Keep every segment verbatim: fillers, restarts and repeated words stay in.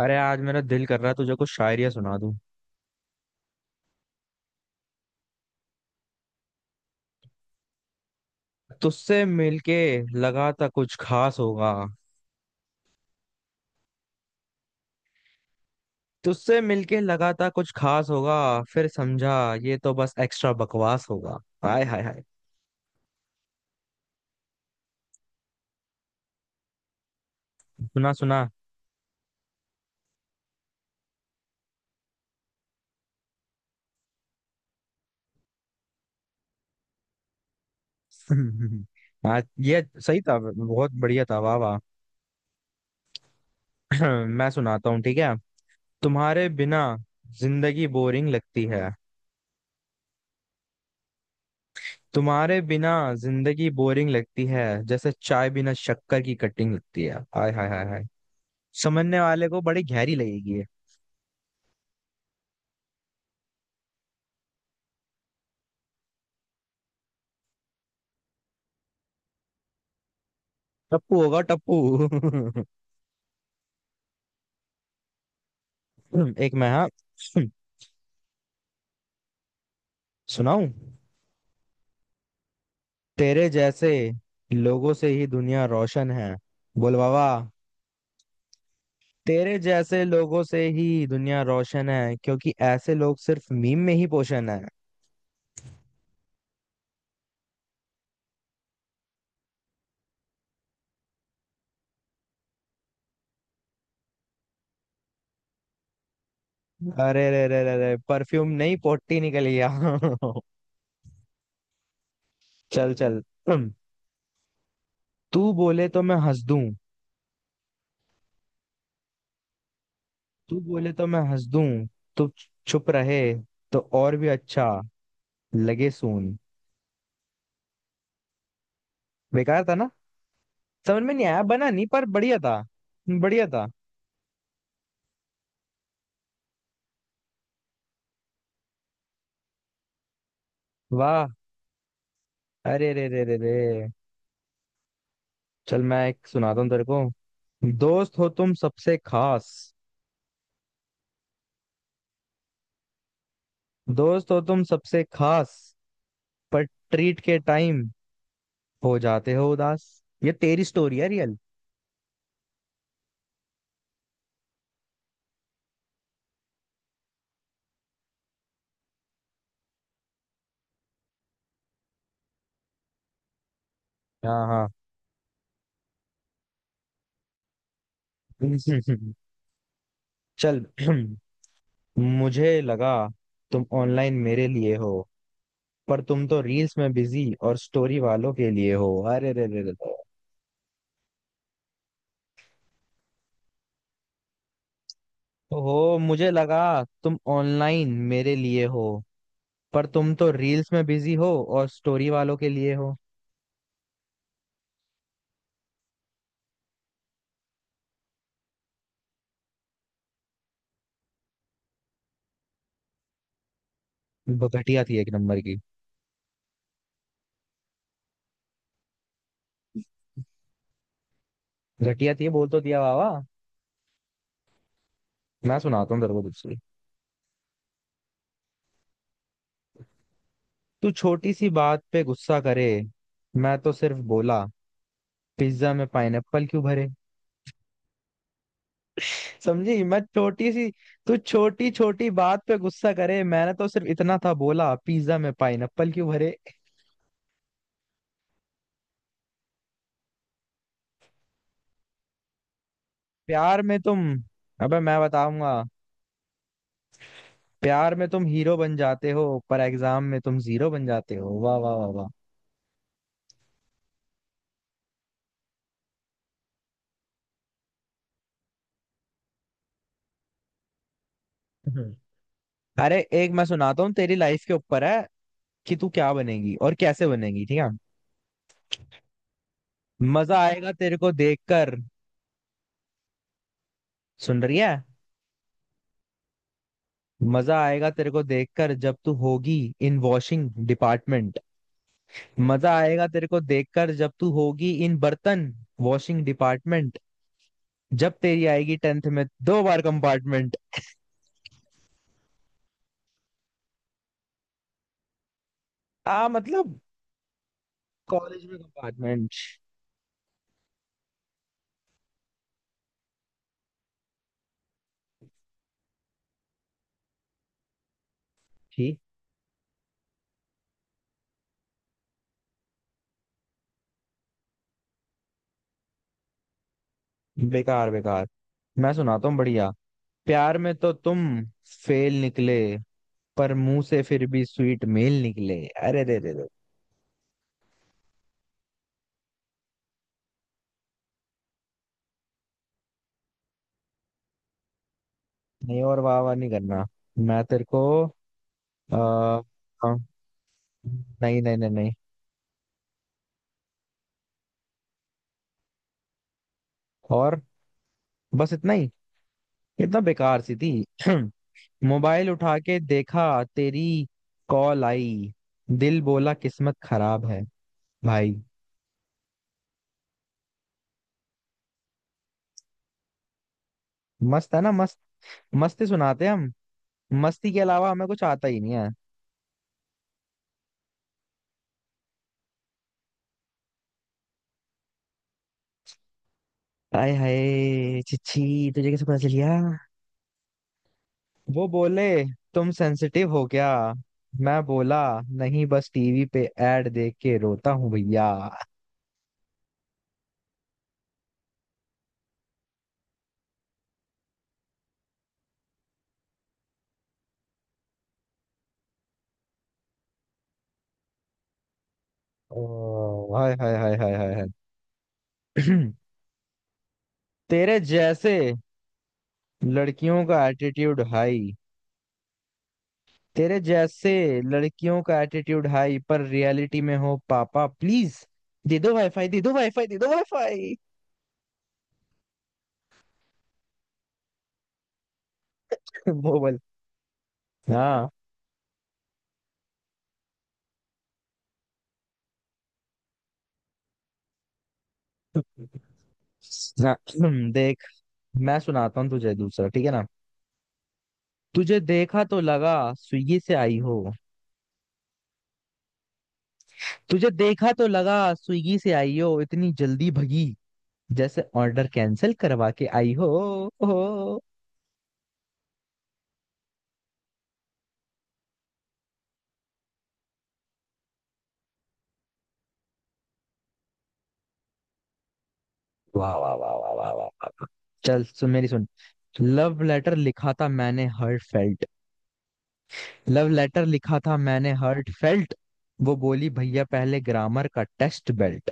अरे आज मेरा दिल कर रहा है तुझे कुछ शायरियां सुना दूं। तुझसे मिलके लगा था कुछ खास होगा। तुझसे मिलके लगा था कुछ खास होगा, फिर समझा ये तो बस एक्स्ट्रा बकवास होगा। हाय हाय हाय। सुना सुना। आज ये सही था, बहुत बढ़िया था, वाह वाह। मैं सुनाता हूँ, ठीक है। तुम्हारे बिना जिंदगी बोरिंग लगती है। तुम्हारे बिना जिंदगी बोरिंग लगती है, जैसे चाय बिना शक्कर की कटिंग लगती है। हाय हाय हाय हाय। समझने वाले को बड़ी गहरी लगेगी ये। टप्पू होगा टप्पू। एक मैं, हाँ, सुनाऊं। तेरे जैसे लोगों से ही दुनिया रोशन है, बोल बाबा। तेरे जैसे लोगों से ही दुनिया रोशन है क्योंकि ऐसे लोग सिर्फ मीम में ही पोषण है। अरे रे रे रे रे, परफ्यूम नहीं पोटी निकल गया। चल चल, तू बोले तो मैं हंस दूं। तू बोले तो मैं हंस दूं, तू छुप रहे तो और भी अच्छा लगे। सून, बेकार था ना। समझ में नहीं आया, बना नहीं, पर बढ़िया था। बढ़िया था। वाह, अरे रे रे रे रे, चल मैं एक सुनाता हूँ तेरे को। दोस्त हो तुम सबसे खास। दोस्त हो तुम सबसे खास, पर ट्रीट के टाइम हो जाते हो उदास। ये तेरी स्टोरी है रियल। हाँ हाँ। चल। मुझे लगा तुम ऑनलाइन मेरे लिए हो, पर तुम तो रील्स में बिजी और स्टोरी वालों के लिए हो। अरे रे रे रे। ओह, मुझे लगा तुम ऑनलाइन मेरे लिए हो, पर तुम तो रील्स में बिजी हो और स्टोरी वालों के लिए हो। ब- घटिया थी, एक नंबर की। घटिया थी, बोल तो दिया वावा। मैं सुनाता हूँ तेरे को दूसरी। तू छोटी सी बात पे गुस्सा करे, मैं तो सिर्फ बोला पिज्जा में पाइनएप्पल क्यों भरे। समझी, मैं छोटी सी। तू छोटी छोटी बात पे गुस्सा करे, मैंने तो सिर्फ इतना था बोला पिज्जा में पाइनएप्पल क्यों भरे। प्यार में तुम, अबे मैं बताऊंगा। प्यार में तुम हीरो बन जाते हो, पर एग्जाम में तुम जीरो बन जाते हो। वाह वाह वाह वाह। हम्म, अरे एक मैं सुनाता हूँ, तेरी लाइफ के ऊपर है, कि तू क्या बनेगी और कैसे बनेगी, ठीक है। मजा आएगा तेरे को देखकर, सुन रही है। मजा आएगा तेरे को देखकर जब तू होगी इन वॉशिंग डिपार्टमेंट। मजा आएगा तेरे को देखकर जब तू होगी इन बर्तन वॉशिंग डिपार्टमेंट, जब तेरी आएगी टेंथ में दो बार कंपार्टमेंट। आ, मतलब कॉलेज में कंपार्टमेंट। ठीक। बेकार बेकार, मैं सुनाता हूँ बढ़िया। प्यार में तो तुम फेल निकले, पर मुंह से फिर भी स्वीट मेल निकले। अरे दे दे दे, नहीं और वाह वाह नहीं करना। मैं तेरे को, आ, नहीं नहीं नहीं नहीं, और बस इतना ही, इतना बेकार सी थी। मोबाइल उठा के देखा तेरी कॉल आई, दिल बोला किस्मत खराब है भाई। मस्त है ना, मस्त। मस्ती सुनाते हैं हम। मस्ती के अलावा हमें कुछ आता ही नहीं है। हाय हाय, छिछी, तुझे कैसे पता चल गया। वो बोले तुम सेंसिटिव हो क्या, मैं बोला नहीं, बस टीवी पे एड देख के रोता हूँ भैया। ओ हाय हाय हाय हाय हाय हाय। तेरे जैसे लड़कियों का एटीट्यूड हाई। तेरे जैसे लड़कियों का एटीट्यूड हाई, पर रियलिटी में हो पापा प्लीज दे दो वाईफाई, दे दो वाईफाई, दे दो वाईफाई। मोबाइल, हाँ, ना- देख, मैं सुनाता हूँ तुझे दूसरा, ठीक है ना। तुझे देखा तो लगा स्विगी से आई हो। तुझे देखा तो लगा स्विगी से आई हो, इतनी जल्दी भगी जैसे ऑर्डर कैंसिल करवा के आई हो। ओ, वाह वाह वाह वाह वाह वाह वाह। चल सुन, मेरी सुन। लव लेटर लिखा था मैंने हर्ट फेल्ट। लव लेटर लिखा था मैंने हर्ट फेल्ट, वो बोली भैया पहले ग्रामर का टेस्ट बेल्ट।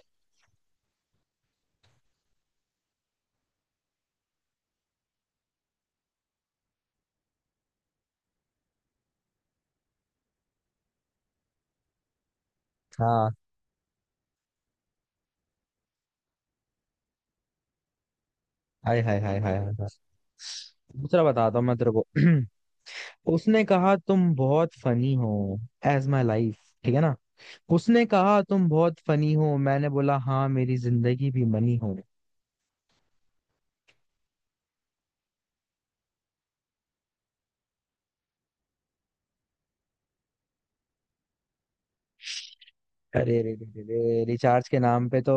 हाँ, हाय हाय हाय हाय हाय हाय। दूसरा बताता हूँ मैं तेरे को। उसने कहा तुम बहुत फनी हो, एज माई लाइफ, ठीक है ना। उसने कहा तुम बहुत फनी हो, मैंने बोला हाँ मेरी जिंदगी भी मनी हो। अरे रे रे रे रे, रिचार्ज के नाम पे तो,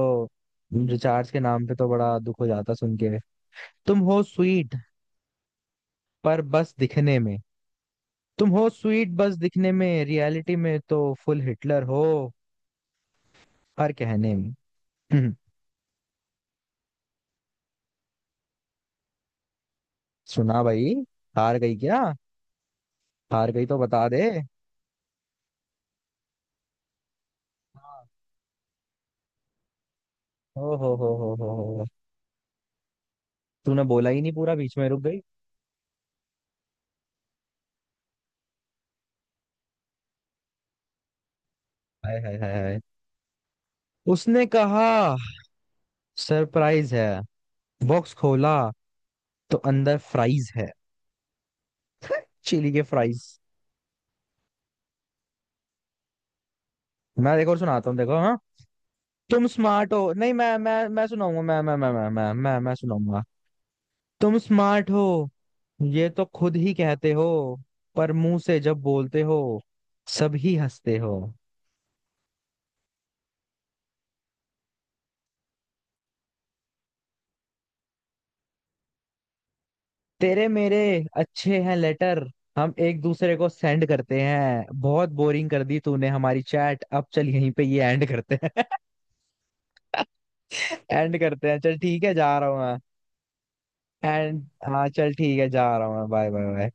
रिचार्ज के नाम पे तो बड़ा दुख हो जाता सुन के। तुम हो स्वीट, पर बस दिखने में। तुम हो स्वीट बस दिखने में, रियलिटी में तो फुल हिटलर हो, हर कहने में। हम्म, सुना भाई। हार गई क्या, हार गई तो बता दे। हाँ। ओ हो हो हो हो हो तूने बोला ही नहीं पूरा, बीच में रुक गई। हाय हाय हाय हाय। उसने कहा सरप्राइज है, बॉक्स खोला तो अंदर फ्राइज है, चिली के फ्राइज। मैं देखो सुनाता हूँ, देखो, हाँ। तुम स्मार्ट हो, नहीं, मैं मैं मैं सुनाऊंगा, मैं मैं मैं मैं मैं मैं मैं सुनाऊंगा। तुम स्मार्ट हो, ये तो खुद ही कहते हो, पर मुंह से जब बोलते हो सब ही हंसते हो। तेरे मेरे अच्छे हैं लेटर, हम एक दूसरे को सेंड करते हैं, बहुत बोरिंग कर दी तूने हमारी चैट, अब चल यहीं पे ये एंड करते हैं। एंड करते हैं, चल ठीक है, जा रहा हूँ मैं। एंड, हाँ, चल ठीक है, जा रहा हूँ मैं, बाय बाय बाय।